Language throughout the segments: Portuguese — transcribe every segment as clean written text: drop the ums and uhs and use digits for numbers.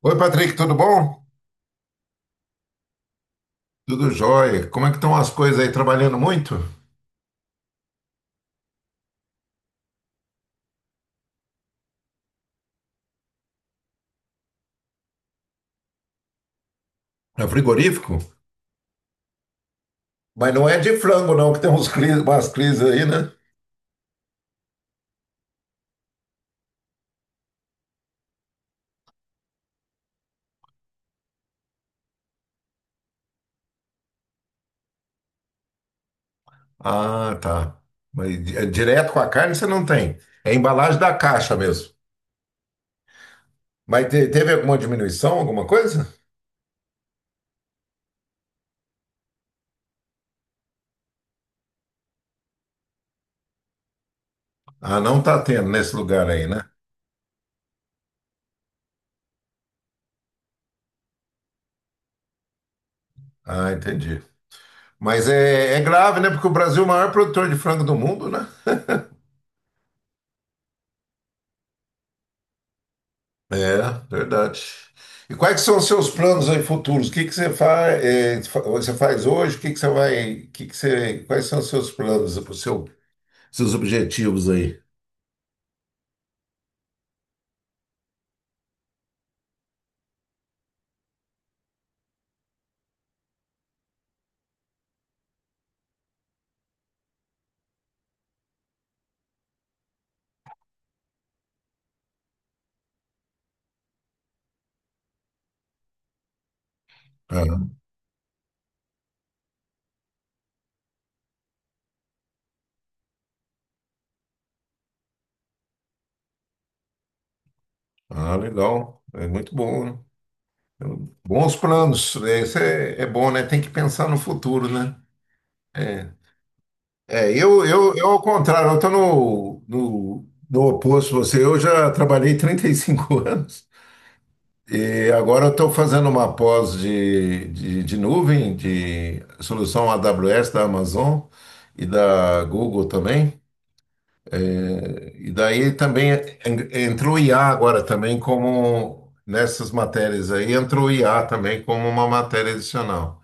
Oi, Patrick, tudo bom? Tudo jóia. Como é que estão as coisas aí? Trabalhando muito? É frigorífico? Mas não é de frango, não, que tem umas crises aí, né? Ah, tá. Mas é direto com a carne você não tem. É embalagem da caixa mesmo. Mas teve alguma diminuição, alguma coisa? Ah, não tá tendo nesse lugar aí, né? Ah, entendi. Mas é grave, né? Porque o Brasil é o maior produtor de frango do mundo, né? É, verdade. E quais são os seus planos aí futuros? O que que você faz, hoje? O que que você vai, o que que você, quais são os seus planos, seus objetivos aí? Ah, legal. É muito bom, né? Bons planos, né? Isso é bom, né? Tem que pensar no futuro, né? É, é, eu ao contrário, eu estou no oposto de você. Eu já trabalhei 35 anos. E agora eu estou fazendo uma pós de nuvem, de solução AWS da Amazon e da Google também. E daí também entrou IA agora também como nessas matérias aí, entrou IA também como uma matéria adicional.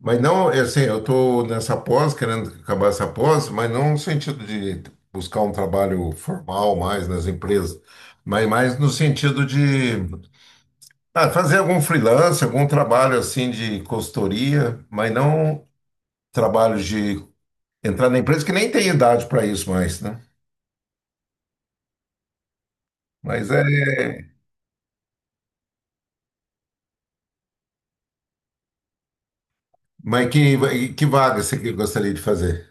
Mas não, é assim, eu estou nessa pós, querendo acabar essa pós, mas não no sentido de buscar um trabalho formal mais nas empresas, mas mais no sentido de ah, fazer algum freelance, algum trabalho assim de consultoria, mas não trabalho de entrar na empresa, que nem tem idade para isso mais, né? Mas é. Mas que vaga você que gostaria de fazer?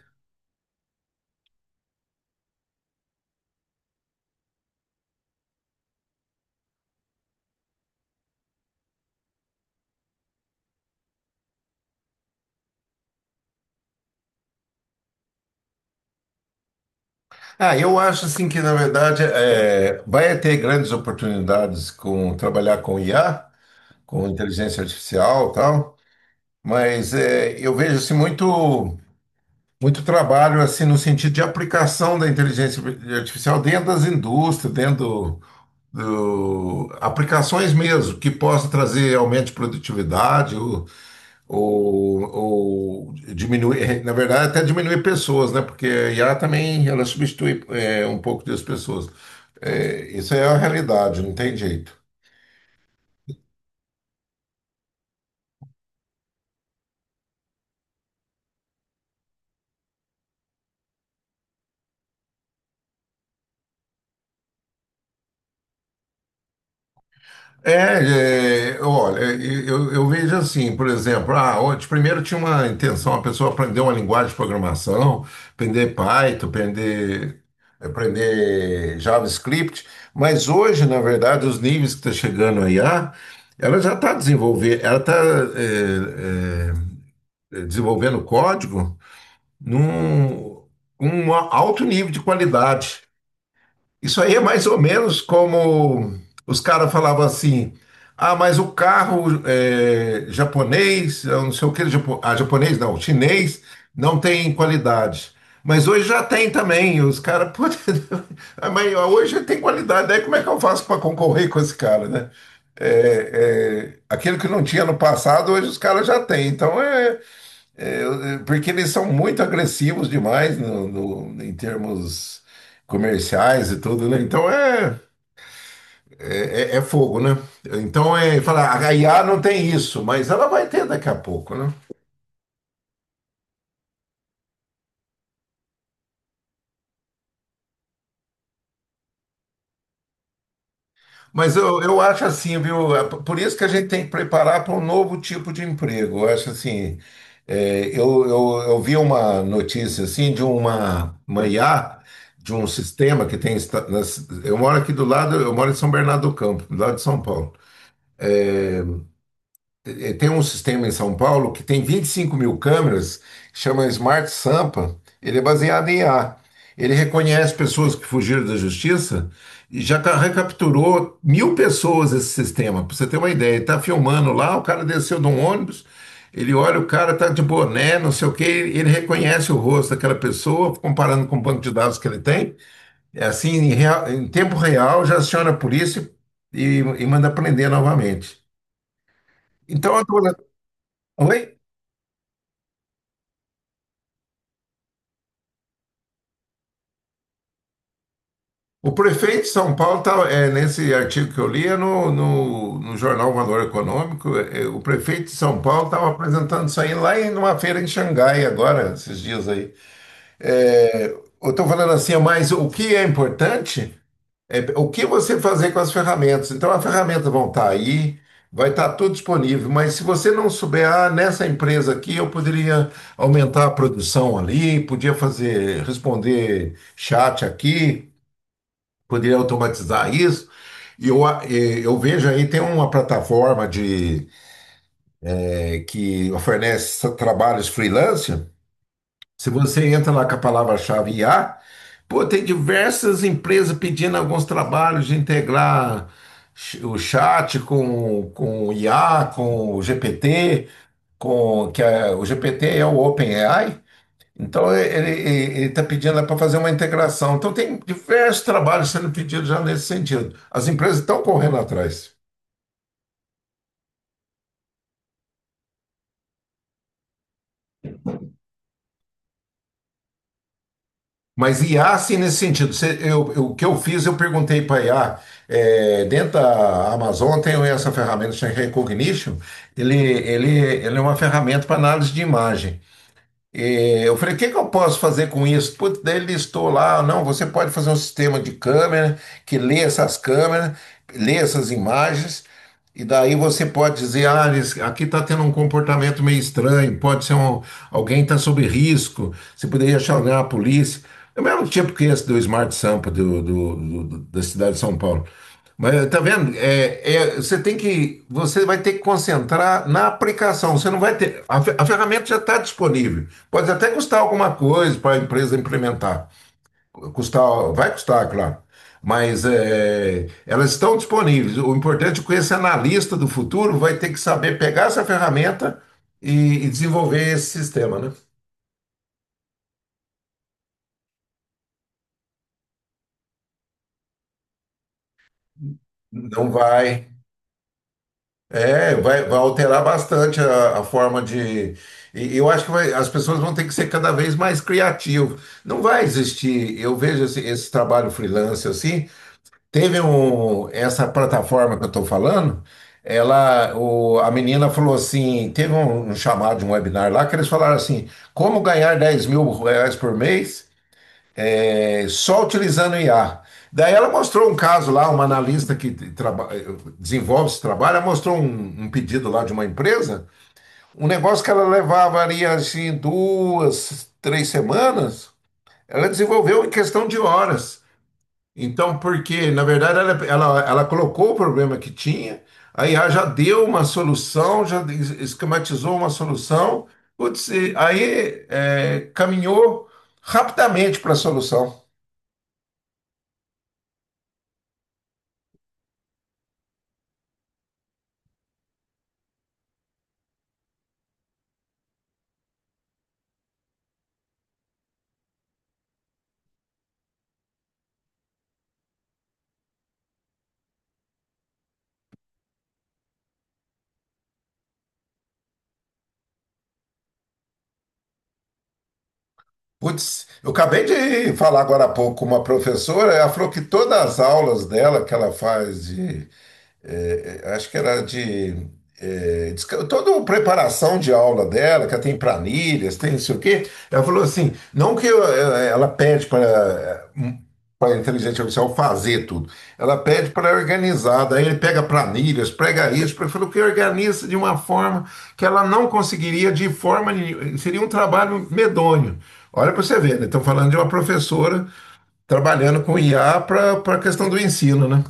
Ah, eu acho assim que, na verdade, vai ter grandes oportunidades com trabalhar com IA, com inteligência artificial e tal, mas eu vejo assim, muito, muito trabalho assim no sentido de aplicação da inteligência artificial dentro das indústrias, dentro aplicações mesmo que possam trazer aumento de produtividade ou, ou diminuir, na verdade, até diminuir pessoas, né? Porque a IA também ela substitui um pouco das pessoas. É, isso é a realidade, não tem jeito. Olha, eu vejo assim, por exemplo, ah, antes, primeiro tinha uma intenção, a pessoa aprender uma linguagem de programação, aprender Python, aprender JavaScript, mas hoje, na verdade, os níveis que está chegando a IA, ela já está desenvolvendo, ela está desenvolvendo código num um alto nível de qualidade. Isso aí é mais ou menos como os caras falavam assim: ah, mas o carro é, japonês, eu não sei o que, ah, japonês não, chinês, não tem qualidade. Mas hoje já tem também, os caras, pô, ah, mas hoje tem qualidade, aí como é que eu faço para concorrer com esse cara, né? É, é, aquilo que não tinha no passado, hoje os caras já têm. Então porque eles são muito agressivos demais em termos comerciais e tudo, né? Então é, é fogo, né? Então é falar, a IA não tem isso, mas ela vai ter daqui a pouco, né? Mas eu acho assim, viu? Por isso que a gente tem que preparar para um novo tipo de emprego. Eu acho assim, eu vi uma notícia assim de uma IA, de um sistema que tem. Eu moro aqui do lado, eu moro em São Bernardo do Campo, do lado de São Paulo. É, tem um sistema em São Paulo que tem 25 mil câmeras, chama Smart Sampa. Ele é baseado em IA. Ele reconhece pessoas que fugiram da justiça e já recapturou mil pessoas esse sistema, para você ter uma ideia. Ele tá filmando lá, o cara desceu de um ônibus, ele olha, o cara tá de boné, não sei o quê, ele reconhece o rosto daquela pessoa, comparando com o banco de dados que ele tem. É assim, em tempo real, já aciona a polícia e manda prender novamente. Então, oi? O prefeito de São Paulo, tá, nesse artigo que eu li, é no jornal Valor Econômico, o prefeito de São Paulo estava apresentando isso aí lá em uma feira em Xangai agora, esses dias aí. É, eu estou falando assim, mas o que é importante é o que você fazer com as ferramentas. Então, as ferramentas vão estar aí, vai estar tudo disponível, mas se você não souber, ah, nessa empresa aqui eu poderia aumentar a produção ali, podia fazer, responder chat aqui, poderia automatizar isso. E eu vejo aí, tem uma plataforma que oferece trabalhos freelancer. Se você entra lá com a palavra-chave IA, pô, tem diversas empresas pedindo alguns trabalhos de integrar o chat com o IA, com o GPT, que é, o GPT é o OpenAI, então, ele está pedindo para fazer uma integração. Então, tem diversos trabalhos sendo pedidos já nesse sentido. As empresas estão correndo atrás. Mas IA, sim, nesse sentido. O que eu fiz, eu perguntei para IA, dentro da Amazon tem essa ferramenta chamada Recognition, ele é uma ferramenta para análise de imagem. E eu falei, o que que eu posso fazer com isso? Putz, daí ele listou lá, não, você pode fazer um sistema de câmera que lê essas câmeras, lê essas imagens, e daí você pode dizer, ah, aqui está tendo um comportamento meio estranho, pode ser alguém está sob risco, você poderia chamar a polícia. É o mesmo tipo que esse do Smart Sampa da cidade de São Paulo. Mas tá vendo? Você tem que, você vai ter que concentrar na aplicação. Você não vai ter. A ferramenta já está disponível. Pode até custar alguma coisa para a empresa implementar. Custar, vai custar, claro. Mas é, elas estão disponíveis. O importante é que esse analista do futuro vai ter que saber pegar essa ferramenta e desenvolver esse sistema, né? Não vai. É, vai alterar bastante a forma de. E eu acho que as pessoas vão ter que ser cada vez mais criativas. Não vai existir. Eu vejo esse trabalho freelance assim. Essa plataforma que eu estou falando, a menina falou assim, teve um chamado de um webinar lá que eles falaram assim, como ganhar R$ 10.000 por mês só utilizando IA. Daí ela mostrou um caso lá, uma analista que desenvolve esse trabalho, ela mostrou um pedido lá de uma empresa, um negócio que ela levaria assim duas, três semanas, ela desenvolveu em questão de horas. Então, porque, na verdade, ela colocou o problema que tinha, aí IA já deu uma solução, já esquematizou uma solução, putz, e aí caminhou rapidamente para a solução. Putz, eu acabei de falar agora há pouco com uma professora, ela falou que todas as aulas dela que ela faz de acho que era de, toda uma preparação de aula dela, que ela tem planilhas, tem não sei o quê. Ela falou assim, não que eu- ela pede para a inteligência artificial fazer tudo. Ela pede para organizar, daí ele pega planilhas, pega isso, ele falou que organiza de uma forma que ela não conseguiria de forma nenhuma, seria um trabalho medonho. Olha para você ver, né? Estão falando de uma professora trabalhando com IA para a questão do ensino, né?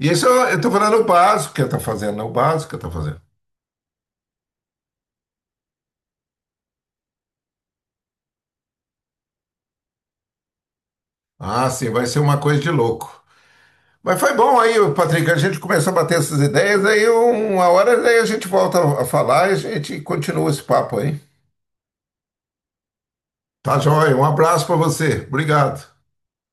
E isso eu estou falando o básico que está fazendo, né? O básico que está fazendo. Ah, sim, vai ser uma coisa de louco. Mas foi bom aí, Patrick, a gente começou a bater essas ideias, aí uma hora aí a gente volta a falar e a gente continua esse papo aí. Tá joia, um abraço para você. Obrigado.